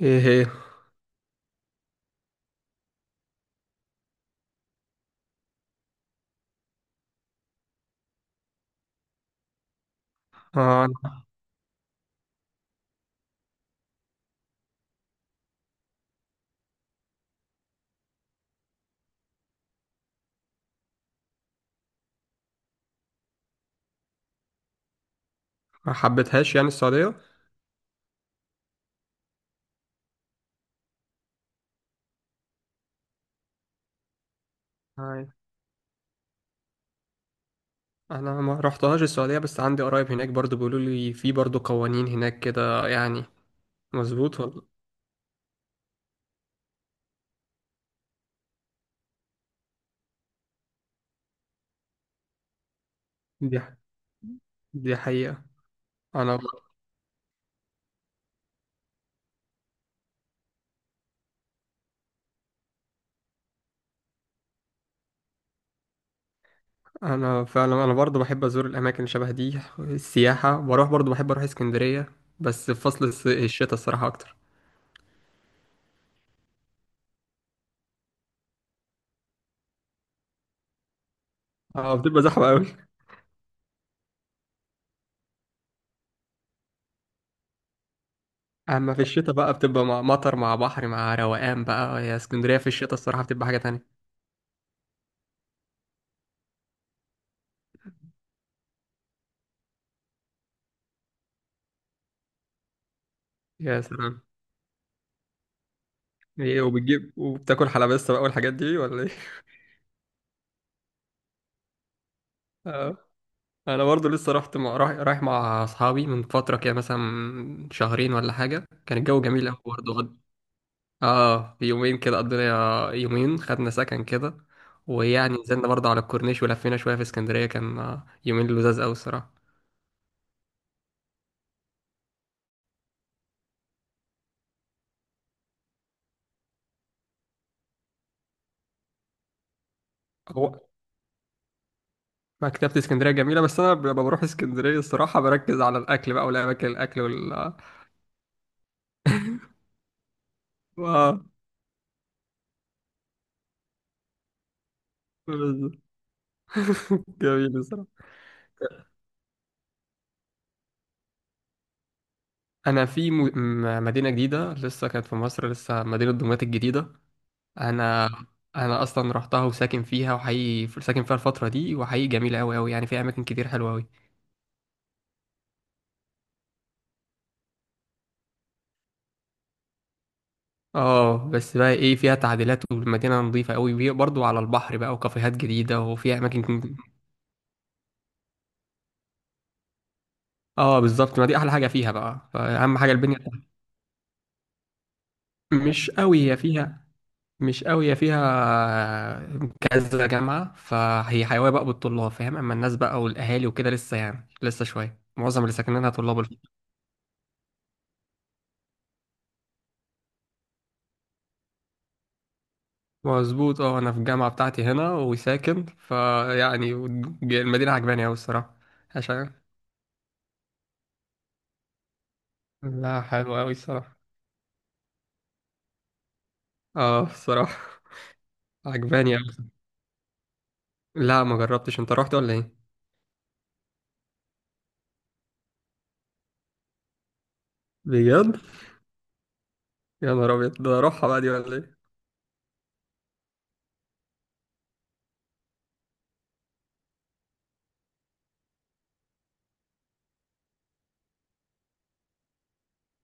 ايه هي؟ أنا ما حبيتهاش يعني السعودية؟ آه، انا ما رحتهاش السعودية، بس عندي قرايب هناك برضو بيقولوا لي في برضو قوانين هناك كده يعني. مظبوط ولا؟ دي دي حقيقة. انا انا فعلا برضو بحب ازور الاماكن اللي شبه دي. السياحة بروح برضو بحب اروح اسكندرية، بس في فصل الشتاء الصراحة اكتر. اه، بتبقى زحمة قوي. اما في الشتاء بقى بتبقى مع مطر مع بحر مع روقان بقى، يا اسكندرية في الشتاء الصراحة بتبقى حاجة تانية. يا سلام! ايه، وبتجيب وبتاكل حلبسة بقى والحاجات دي ولا إيه؟ اه. انا برضو لسه رحت مع... رايح رايح مع اصحابي من فتره كده، مثلا شهرين ولا حاجه، كان الجو جميل قوي برضه اه، في يومين كده، قضينا يومين، خدنا سكن كده. ويعني نزلنا برضه على الكورنيش، ولفينا شويه في اسكندريه، كان يومين لذاذ قوي الصراحه. هو مكتبه اسكندريه جميله، بس انا لما بروح اسكندريه الصراحه بركز على الاكل بقى، والاماكن الاكل وال... آه، بالظبط. جميل الصراحه. انا في مدينه جديده لسه كانت في مصر، لسه مدينه دمياط الجديده. انا انا اصلا رحتها وساكن فيها، وحقيقي ساكن فيها الفتره دي، وحقيقي جميله قوي قوي، يعني فيها اماكن كتير حلوه قوي. اه، بس بقى ايه، فيها تعديلات، والمدينه نظيفه قوي، وهي برضو على البحر بقى، وكافيهات جديده، وفيها اماكن. اه بالظبط، ما دي احلى حاجه فيها بقى، فاهم، حاجه البنيه بتاعتها. مش قوي هي فيها مش قوي هي فيها كذا جامعه، فهي حيويه بقى بالطلاب، فاهم. اما الناس بقى والاهالي وكده لسه يعني لسه شويه، معظم اللي ساكنينها طلاب. مظبوط. اه، انا في الجامعه بتاعتي هنا وساكن فيعني، المدينه عجباني اوي الصراحه. عشان لا، حلو اوي الصراحه. اه الصراحه عجباني اوي. لا ما جربتش، انت رحت ولا ايه؟ بجد؟ يا نهار ابيض، ده اروحها بقى دي ولا ايه؟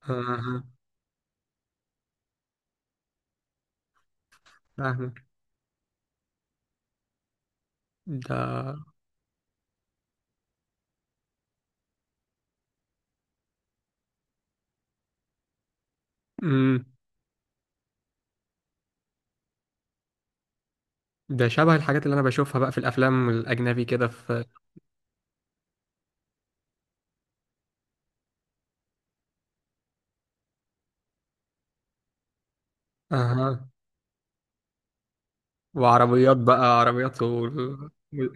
آه، فاهمك. ده امم ده شبه الحاجات اللي انا بشوفها بقى في الافلام الاجنبي كده، في. اها. وعربيات بقى عربيات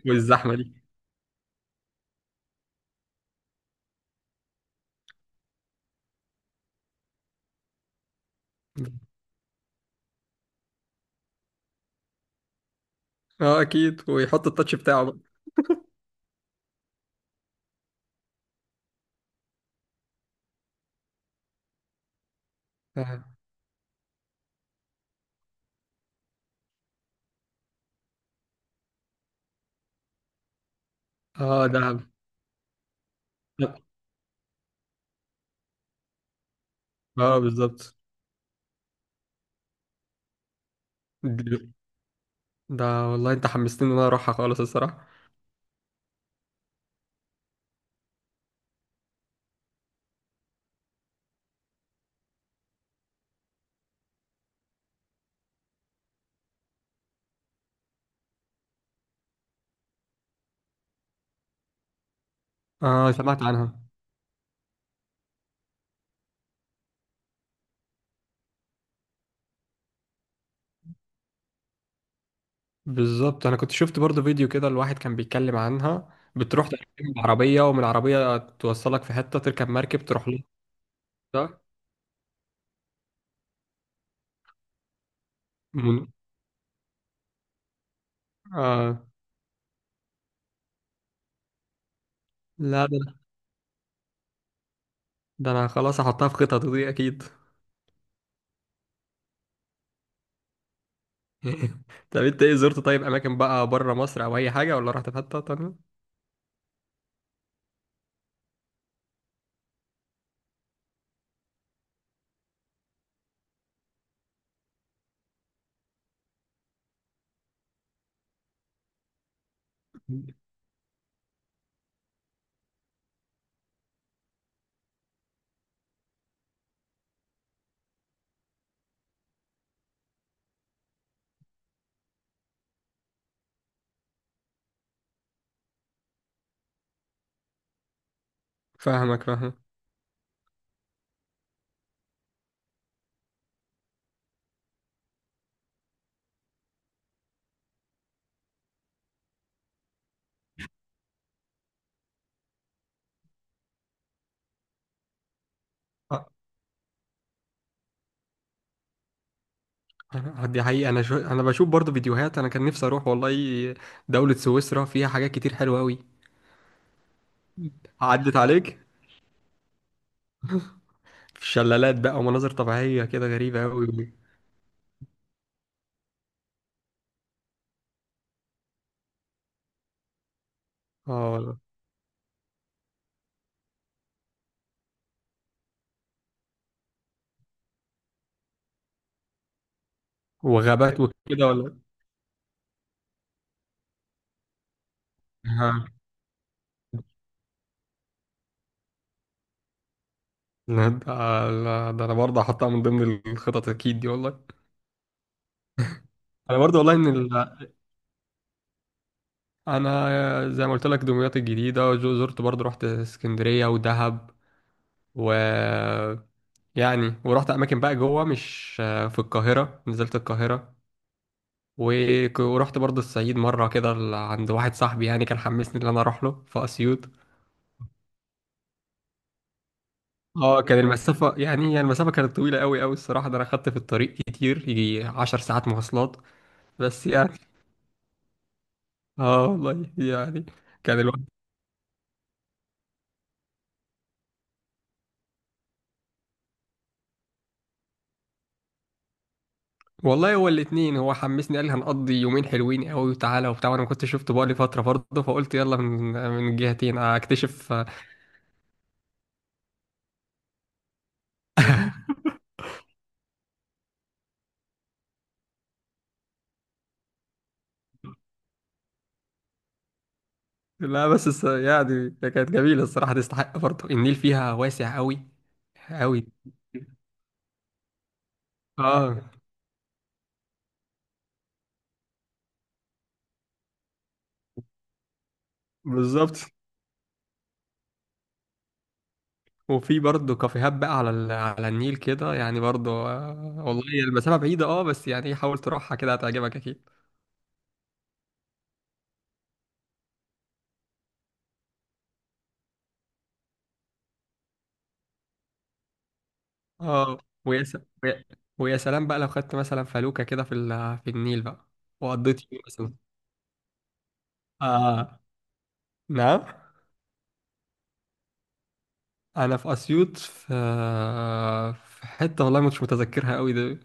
والزحمه دي. اه اكيد، ويحط التاتش بتاعه بقى. اه. آه، ده لا. اه بالظبط. دي- ده والله انت حمستني ان انا اروحها خالص الصراحه. اه سمعت عنها. بالظبط، انا كنت شفت برضو فيديو كده، الواحد كان بيتكلم عنها، بتروح تركب العربيه، ومن العربيه توصلك في حته، تركب مركب تروح لها. ده من... آه. لا، ده انا خلاص هحطها في خططي دي اكيد. طب انت، ايه، زرت طيب اماكن بقى بره مصر او اي حاجه، ولا رحت في حته تانية؟ فاهمك، فاهم. دي حقيقة. أنا أنا بشوف برضو فيديوهات، أنا كان نفسي أروح والله دولة سويسرا، فيها حاجات كتير حلوة أوي. عدت عليك. في شلالات بقى ومناظر طبيعية كده غريبة أوي. اه والله. وغابات وكده ولا؟ ها. لا ده لا، ده أنا برضه هحطها من ضمن الخطط أكيد دي والله. أنا برضه والله إن أنا زي ما قلت لك دمياط الجديدة، زرت برضه، رحت اسكندرية ودهب، و... يعني ورحت أماكن بقى جوه، مش في القاهرة، نزلت القاهرة. ورحت برضه الصعيد مرة كده عند واحد صاحبي، يعني كان حمسني إن أنا أروح له في أسيوط. اه، كان المسافة يعني المسافة كانت طويلة أوي أوي الصراحة، ده أنا خدت في الطريق كتير، يجي 10 ساعات مواصلات. بس يعني. اه والله يعني. كان الوقت... والله هو الاتنين، هو حمسني قال لي هنقضي يومين حلوين أوي وتعالى وبتاع، وأنا ما كنتش شفته بقالي فترة برضه، فقلت يلا، من الجهتين أكتشف. لا، بس يعني كانت جميلة الصراحة، تستحق برضه، النيل فيها واسع أوي أوي. اه بالظبط. وفي برضه كافيهات بقى على على النيل كده، يعني برضه، والله هي المسافة بعيدة، اه، بس يعني إيه، حاول تروحها كده هتعجبك اكيد. اه. ويا س... ويا ويا سلام بقى، لو خدت مثلا فلوكة كده في في النيل بقى، وقضيت يوم مثلا. آه. نعم. انا في اسيوط، في حتة والله مش متذكرها قوي ده.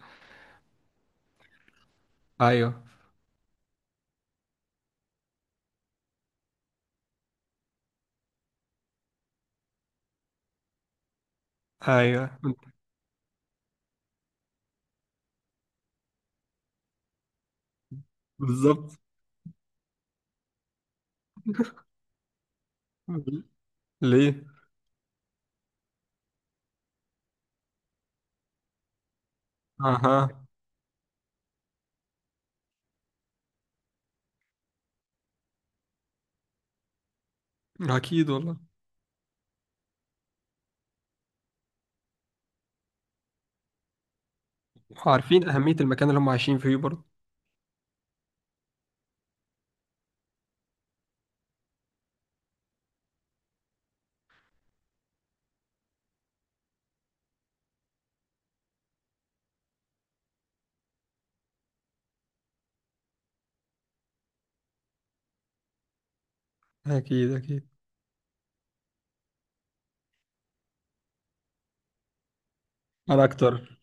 ايوه. ايوه بالظبط. ليه؟ اها. اكيد والله. عارفين اهمية المكان اللي هم عايشين فيه برضه. اكيد اكيد. انا اكتر.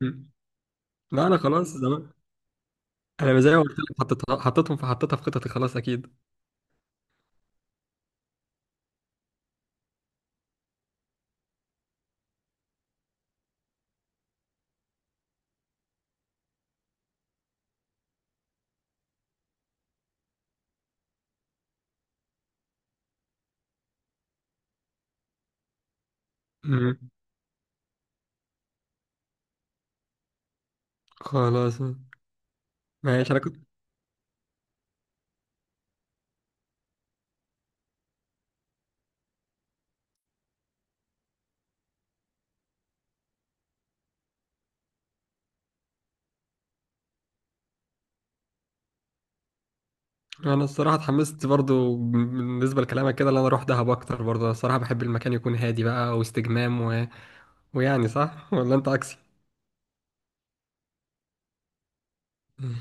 مم. لا، انا خلاص زمان. انا زي ما قلت لك، حطيتها في خطتي خلاص اكيد. مم. خلاص. ماشي. انا كنت... انا الصراحه اتحمست برضو بالنسبه لكلامك كده، اللي انا اروح دهب اكتر برضو، أنا الصراحه بحب المكان يكون هادي بقى، واستجمام و... ويعني صح ولا انت عكسي؟ مم.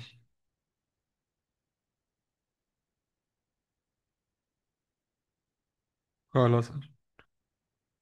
خلاص.